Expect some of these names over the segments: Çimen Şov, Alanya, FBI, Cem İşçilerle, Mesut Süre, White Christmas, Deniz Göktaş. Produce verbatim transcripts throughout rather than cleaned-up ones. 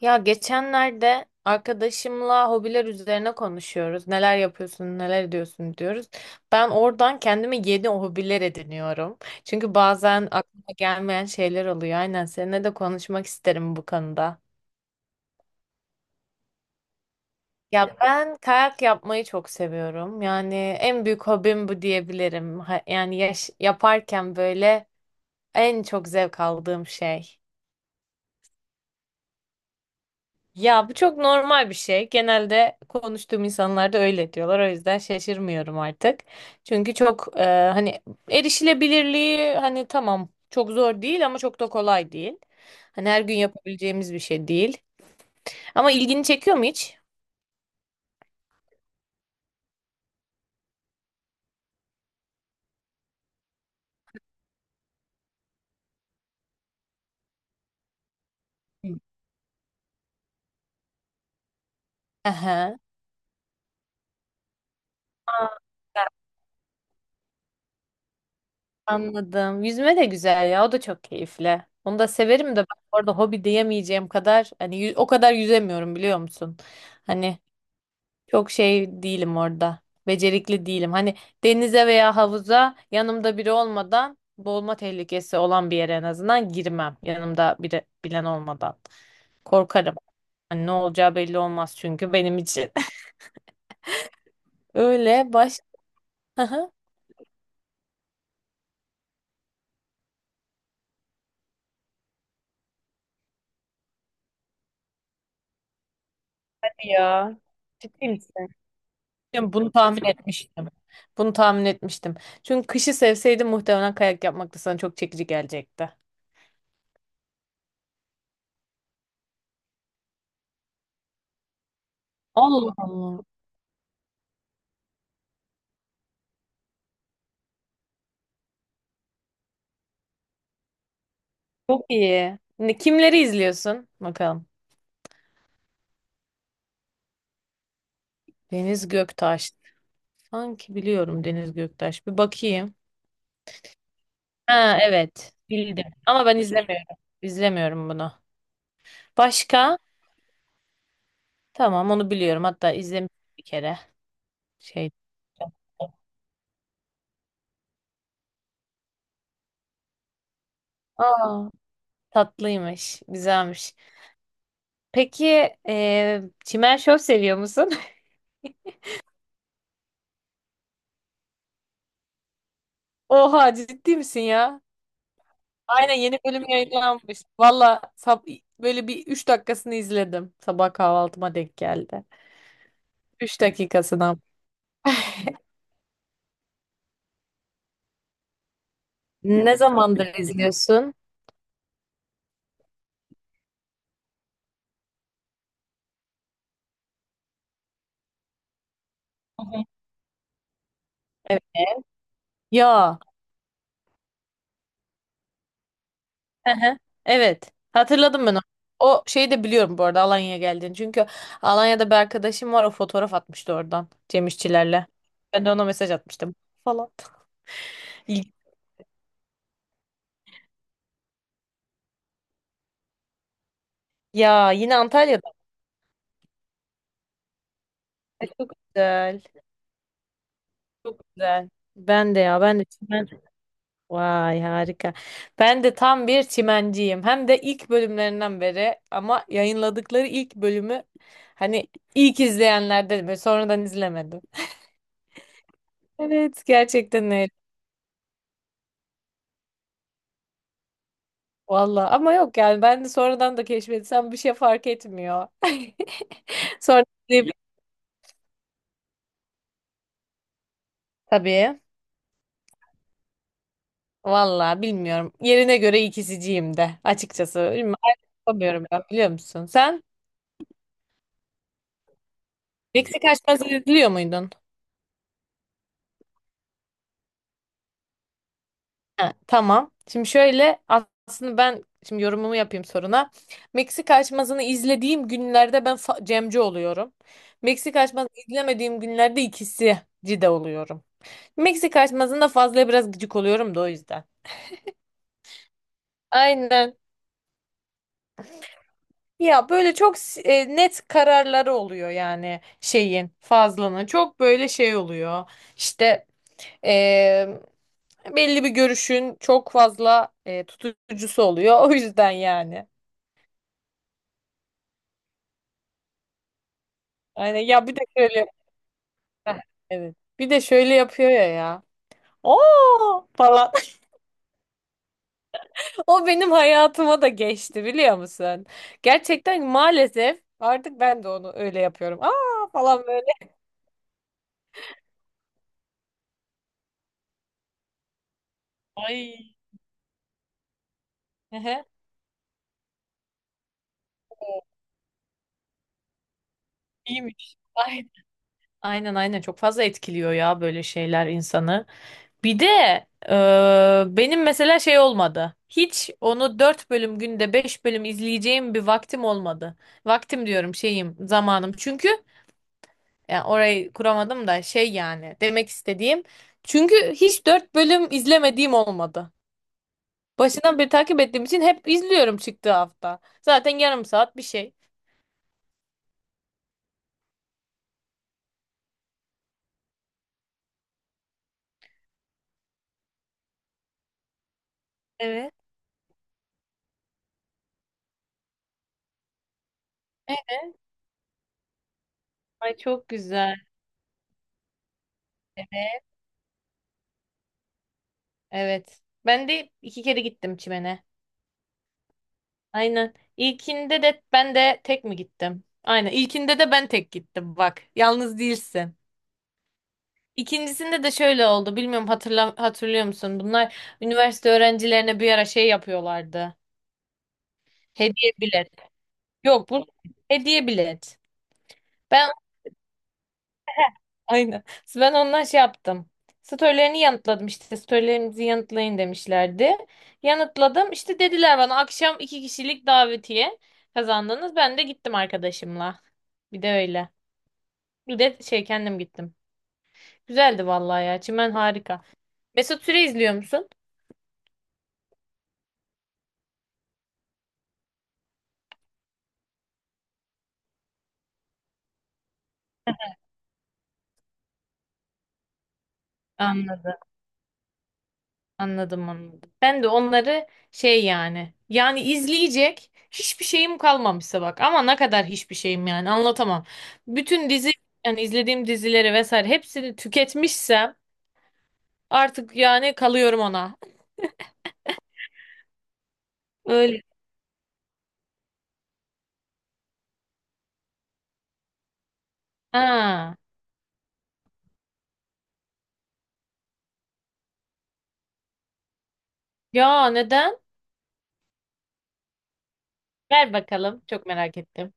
Ya geçenlerde arkadaşımla hobiler üzerine konuşuyoruz. Neler yapıyorsun, neler ediyorsun diyoruz. Ben oradan kendime yeni hobiler ediniyorum. Çünkü bazen aklıma gelmeyen şeyler oluyor. Aynen seninle de konuşmak isterim bu konuda. Ya ben kayak yapmayı çok seviyorum. Yani en büyük hobim bu diyebilirim. Ha- Yani yaş- yaparken böyle en çok zevk aldığım şey. Ya bu çok normal bir şey. Genelde konuştuğum insanlar da öyle diyorlar. O yüzden şaşırmıyorum artık. Çünkü çok e, hani erişilebilirliği hani tamam çok zor değil ama çok da kolay değil. Hani her gün yapabileceğimiz bir şey değil. Ama ilgini çekiyor mu hiç? Hı. Aha. Aa, anladım. Yüzme de güzel ya. O da çok keyifli. Onu da severim de ben orada hobi diyemeyeceğim kadar hani yü- o kadar yüzemiyorum biliyor musun? Hani çok şey değilim orada. Becerikli değilim. Hani denize veya havuza yanımda biri olmadan boğulma tehlikesi olan bir yere en azından girmem. Yanımda biri bilen olmadan. Korkarım. Hani ne olacağı belli olmaz çünkü benim için. Öyle baş... Hı hı. Ya. Ciddi misin? Yani bunu tahmin etmiştim. Bunu tahmin etmiştim. Çünkü kışı sevseydim muhtemelen kayak yapmak da sana çok çekici gelecekti. Allah Allah. Çok iyi. Ne, kimleri izliyorsun? Bakalım. Deniz Göktaş. Sanki biliyorum Deniz Göktaş. Bir bakayım. Ha, evet. Bildim. Ama ben izlemiyorum. İzlemiyorum bunu. Başka? Tamam, onu biliyorum. Hatta izlemiştim bir kere. Şey. Aa, tatlıymış. Güzelmiş. Peki e, Çimen Şov seviyor musun? Oha, ciddi misin ya? Aynen yeni bölüm yayınlanmış. Valla sab- böyle bir üç dakikasını izledim. Sabah kahvaltıma denk geldi. Üç dakikasına. Ne zamandır izliyorsun? Hı hı. Evet. Ya. Hı hı. Evet. Hatırladım ben onu. O şeyi de biliyorum bu arada, Alanya'ya geldiğini. Çünkü Alanya'da bir arkadaşım var. O fotoğraf atmıştı oradan. Cem İşçilerle. Ben de ona mesaj atmıştım. Falan. İlgi- Ya yine Antalya'da güzel. Çok güzel. Ben de ya ben de çimen. Vay, harika. Ben de tam bir çimenciyim. Hem de ilk bölümlerinden beri, ama yayınladıkları ilk bölümü hani ilk izleyenlerdenim. Sonradan izlemedim. Evet, gerçekten öyle. Valla ama yok yani ben de sonradan da keşfetsem bir şey fark etmiyor. Sonra tabii. Tabii. Valla bilmiyorum. Yerine göre ikisiciyim de açıkçası. Bilmiyorum. Ayrım yapamıyorum ben, biliyor musun? Sen Meksika açması izliyor muydun? Ha, tamam. Şimdi şöyle, aslında ben şimdi yorumumu yapayım soruna. Meksika açmasını izlediğim günlerde ben fa- Cemci oluyorum. Meksika açmasını izlemediğim günlerde ikisici de oluyorum. Meksika açmasında fazla biraz gıcık oluyorum da o yüzden. Aynen. Ya böyle çok s- e, net kararları oluyor yani şeyin Fazlının çok böyle şey oluyor işte e, belli bir görüşün çok fazla e, tutucusu oluyor o yüzden yani. Aynen ya, bir de şöyle yap- heh, evet bir de şöyle yapıyor ya ya. Oo falan. O benim hayatıma da geçti, biliyor musun? Gerçekten maalesef artık ben de onu öyle yapıyorum. Aa falan böyle. Ay. Ehe, iyiymiş. Ay. Aynen aynen çok fazla etkiliyor ya böyle şeyler insanı. Bir de e, benim mesela şey olmadı. Hiç onu dört bölüm günde beş bölüm izleyeceğim bir vaktim olmadı. Vaktim diyorum, şeyim zamanım. Çünkü yani orayı kuramadım da şey, yani demek istediğim. Çünkü hiç dört bölüm izlemediğim olmadı. Başından beri takip ettiğim için hep izliyorum çıktığı hafta. Zaten yarım saat bir şey. Evet. Evet, Ay, çok güzel. Evet. Ben de iki kere gittim çimene. Aynen. İlkinde de ben de tek mi gittim? Aynen. İlkinde de ben tek gittim bak. Yalnız değilsin. İkincisinde de şöyle oldu. Bilmiyorum, hatırla, hatırlıyor musun? Bunlar üniversite öğrencilerine bir ara şey yapıyorlardı. Hediye bilet. Yok, bu hediye bilet. Ben aynen. Ben ondan şey yaptım. Storylerini yanıtladım işte. Storylerinizi yanıtlayın demişlerdi. Yanıtladım. İşte dediler bana akşam iki kişilik davetiye kazandınız. Ben de gittim arkadaşımla. Bir de öyle. Bir de şey kendim gittim. Güzeldi vallahi ya. Çimen harika. Mesut Süre izliyor musun? Anladım, anladım, anladım. Ben de onları şey yani. Yani izleyecek hiçbir şeyim kalmamışsa bak. Ama ne kadar hiçbir şeyim, yani anlatamam. Bütün dizi yani izlediğim dizileri vesaire hepsini tüketmişsem artık yani kalıyorum ona. Öyle. Ha. Ya neden? Ver bakalım. Çok merak ettim.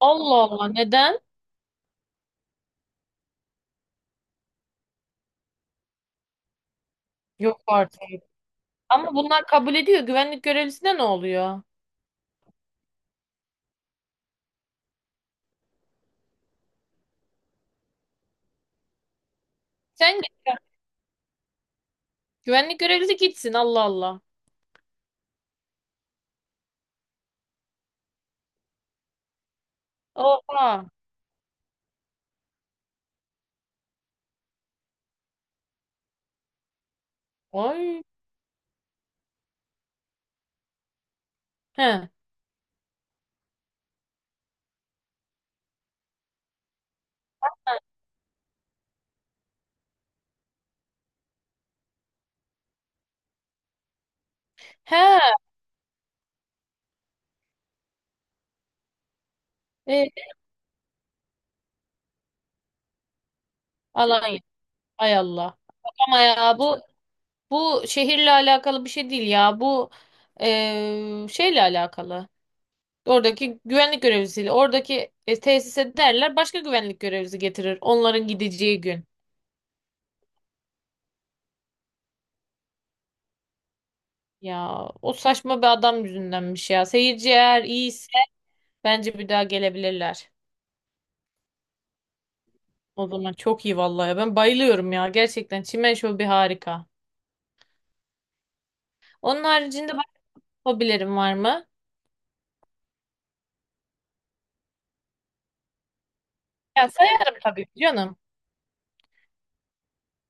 Allah Allah, neden? Yok artık. Ama bunlar kabul ediyor. Güvenlik görevlisine ne oluyor? Sen git. Ya. Güvenlik görevlisi gitsin. Allah Allah. Oha. Oy. He. He. E, Alanya. Ay Allah. Ama ya bu bu şehirle alakalı bir şey değil ya. Bu e, şeyle alakalı. Oradaki güvenlik görevlisiyle. Oradaki e, tesise derler. Başka güvenlik görevlisi getirir. Onların gideceği gün. Ya o saçma bir adam yüzündenmiş ya. Seyirci eğer iyiyse bence bir daha gelebilirler. O zaman çok iyi vallahi. Ben bayılıyorum ya. Gerçekten çimen şovu bir harika. Onun haricinde başka hobilerim var mı? Ya sayarım tabii ki canım.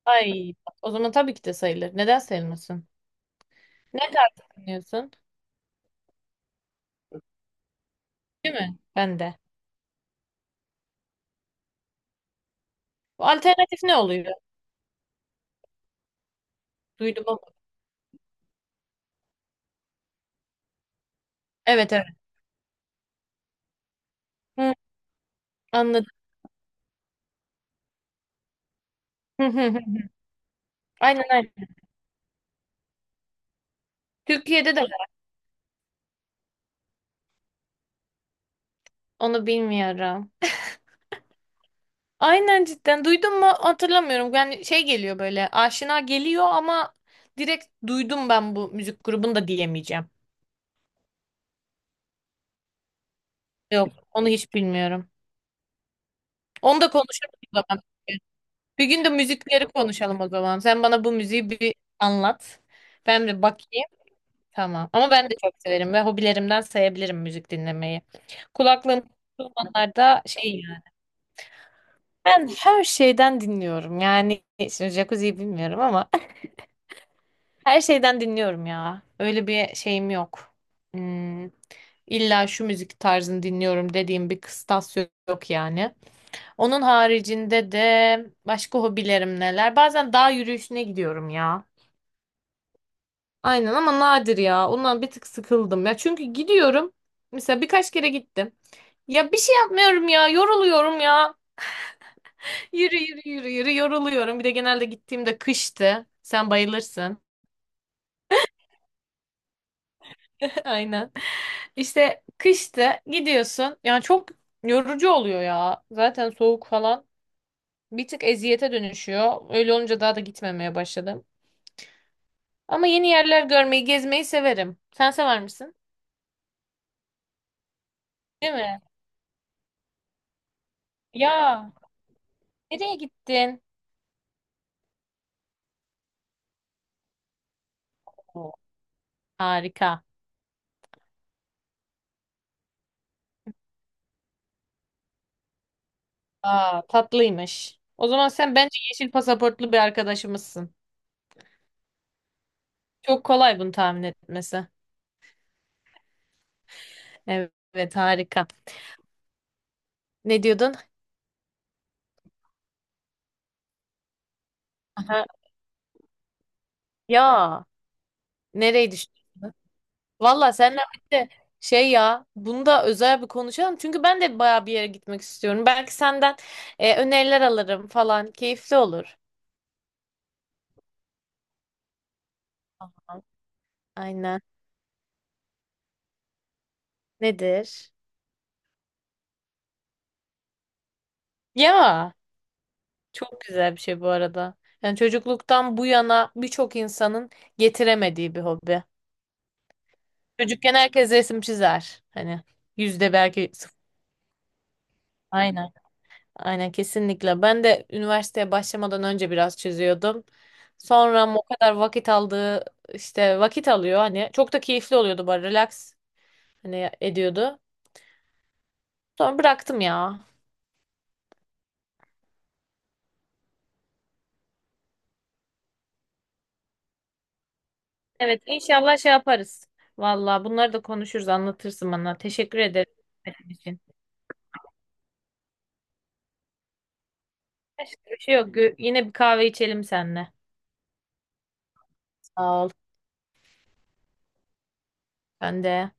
Ay, o zaman tabii ki de sayılır. Neden sayılmasın? Ne tarz dinliyorsun? Değil mi? Ben de. Bu alternatif ne oluyor? Duydum ama. Evet evet. Hı, anladım. Hı, hı, hı. Aynen aynen. Türkiye'de de var. Onu bilmiyorum. Aynen cidden. Duydum mu hatırlamıyorum. Yani şey geliyor böyle, aşina geliyor ama direkt duydum ben bu müzik grubunu da diyemeyeceğim. Yok, onu hiç bilmiyorum. Onu da konuşalım o zaman. Bir gün de müzikleri konuşalım o zaman. Sen bana bu müziği bir anlat. Ben bir bakayım. Tamam. Ama ben de çok severim ve hobilerimden sayabilirim müzik dinlemeyi. Kulaklığım zamanlarda şey yani. Ben her şeyden dinliyorum. Yani şimdi jacuzziyi bilmiyorum ama her şeyden dinliyorum ya. Öyle bir şeyim yok. Hmm, illa şu müzik tarzını dinliyorum dediğim bir kıstas yok, yok yani. Onun haricinde de başka hobilerim neler? Bazen dağ yürüyüşüne gidiyorum ya. Aynen ama nadir ya. Ondan bir tık sıkıldım ya. Çünkü gidiyorum. Mesela birkaç kere gittim. Ya bir şey yapmıyorum ya. Yoruluyorum ya. Yürü yürü yürü yürü yoruluyorum. Bir de genelde gittiğimde kıştı. Sen bayılırsın. Aynen. İşte kıştı gidiyorsun. Yani çok yorucu oluyor ya. Zaten soğuk falan. Bir tık eziyete dönüşüyor. Öyle olunca daha da gitmemeye başladım. Ama yeni yerler görmeyi, gezmeyi severim. Sen sever misin? Değil mi? Ya nereye gittin? Oo, harika. Aa, tatlıymış. O zaman sen bence yeşil pasaportlu bir arkadaşımızsın. Çok kolay bunu tahmin etmesi. Evet, harika. Ne diyordun? Aha. Ya nereyi düşünüyorsun? Valla seninle birlikte şey ya, bunu da özel bir konuşalım. Çünkü ben de baya bir yere gitmek istiyorum. Belki senden e, öneriler alırım falan. Keyifli olur. Aha. Aynen. Nedir? Ya, çok güzel bir şey bu arada. Yani çocukluktan bu yana birçok insanın getiremediği bir hobi. Çocukken herkes resim çizer. Hani yüzde belki sıfır. Aynen. Aynen kesinlikle. Ben de üniversiteye başlamadan önce biraz çiziyordum. Sonra ama o kadar vakit aldığı işte vakit alıyor hani çok da keyifli oluyordu bari relax hani ediyordu. Sonra bıraktım ya. Evet inşallah şey yaparız. Valla bunları da konuşuruz, anlatırsın bana. Teşekkür ederim. Başka bir şey yok. Gö- Yine bir kahve içelim seninle. Sağ ol. Ben de.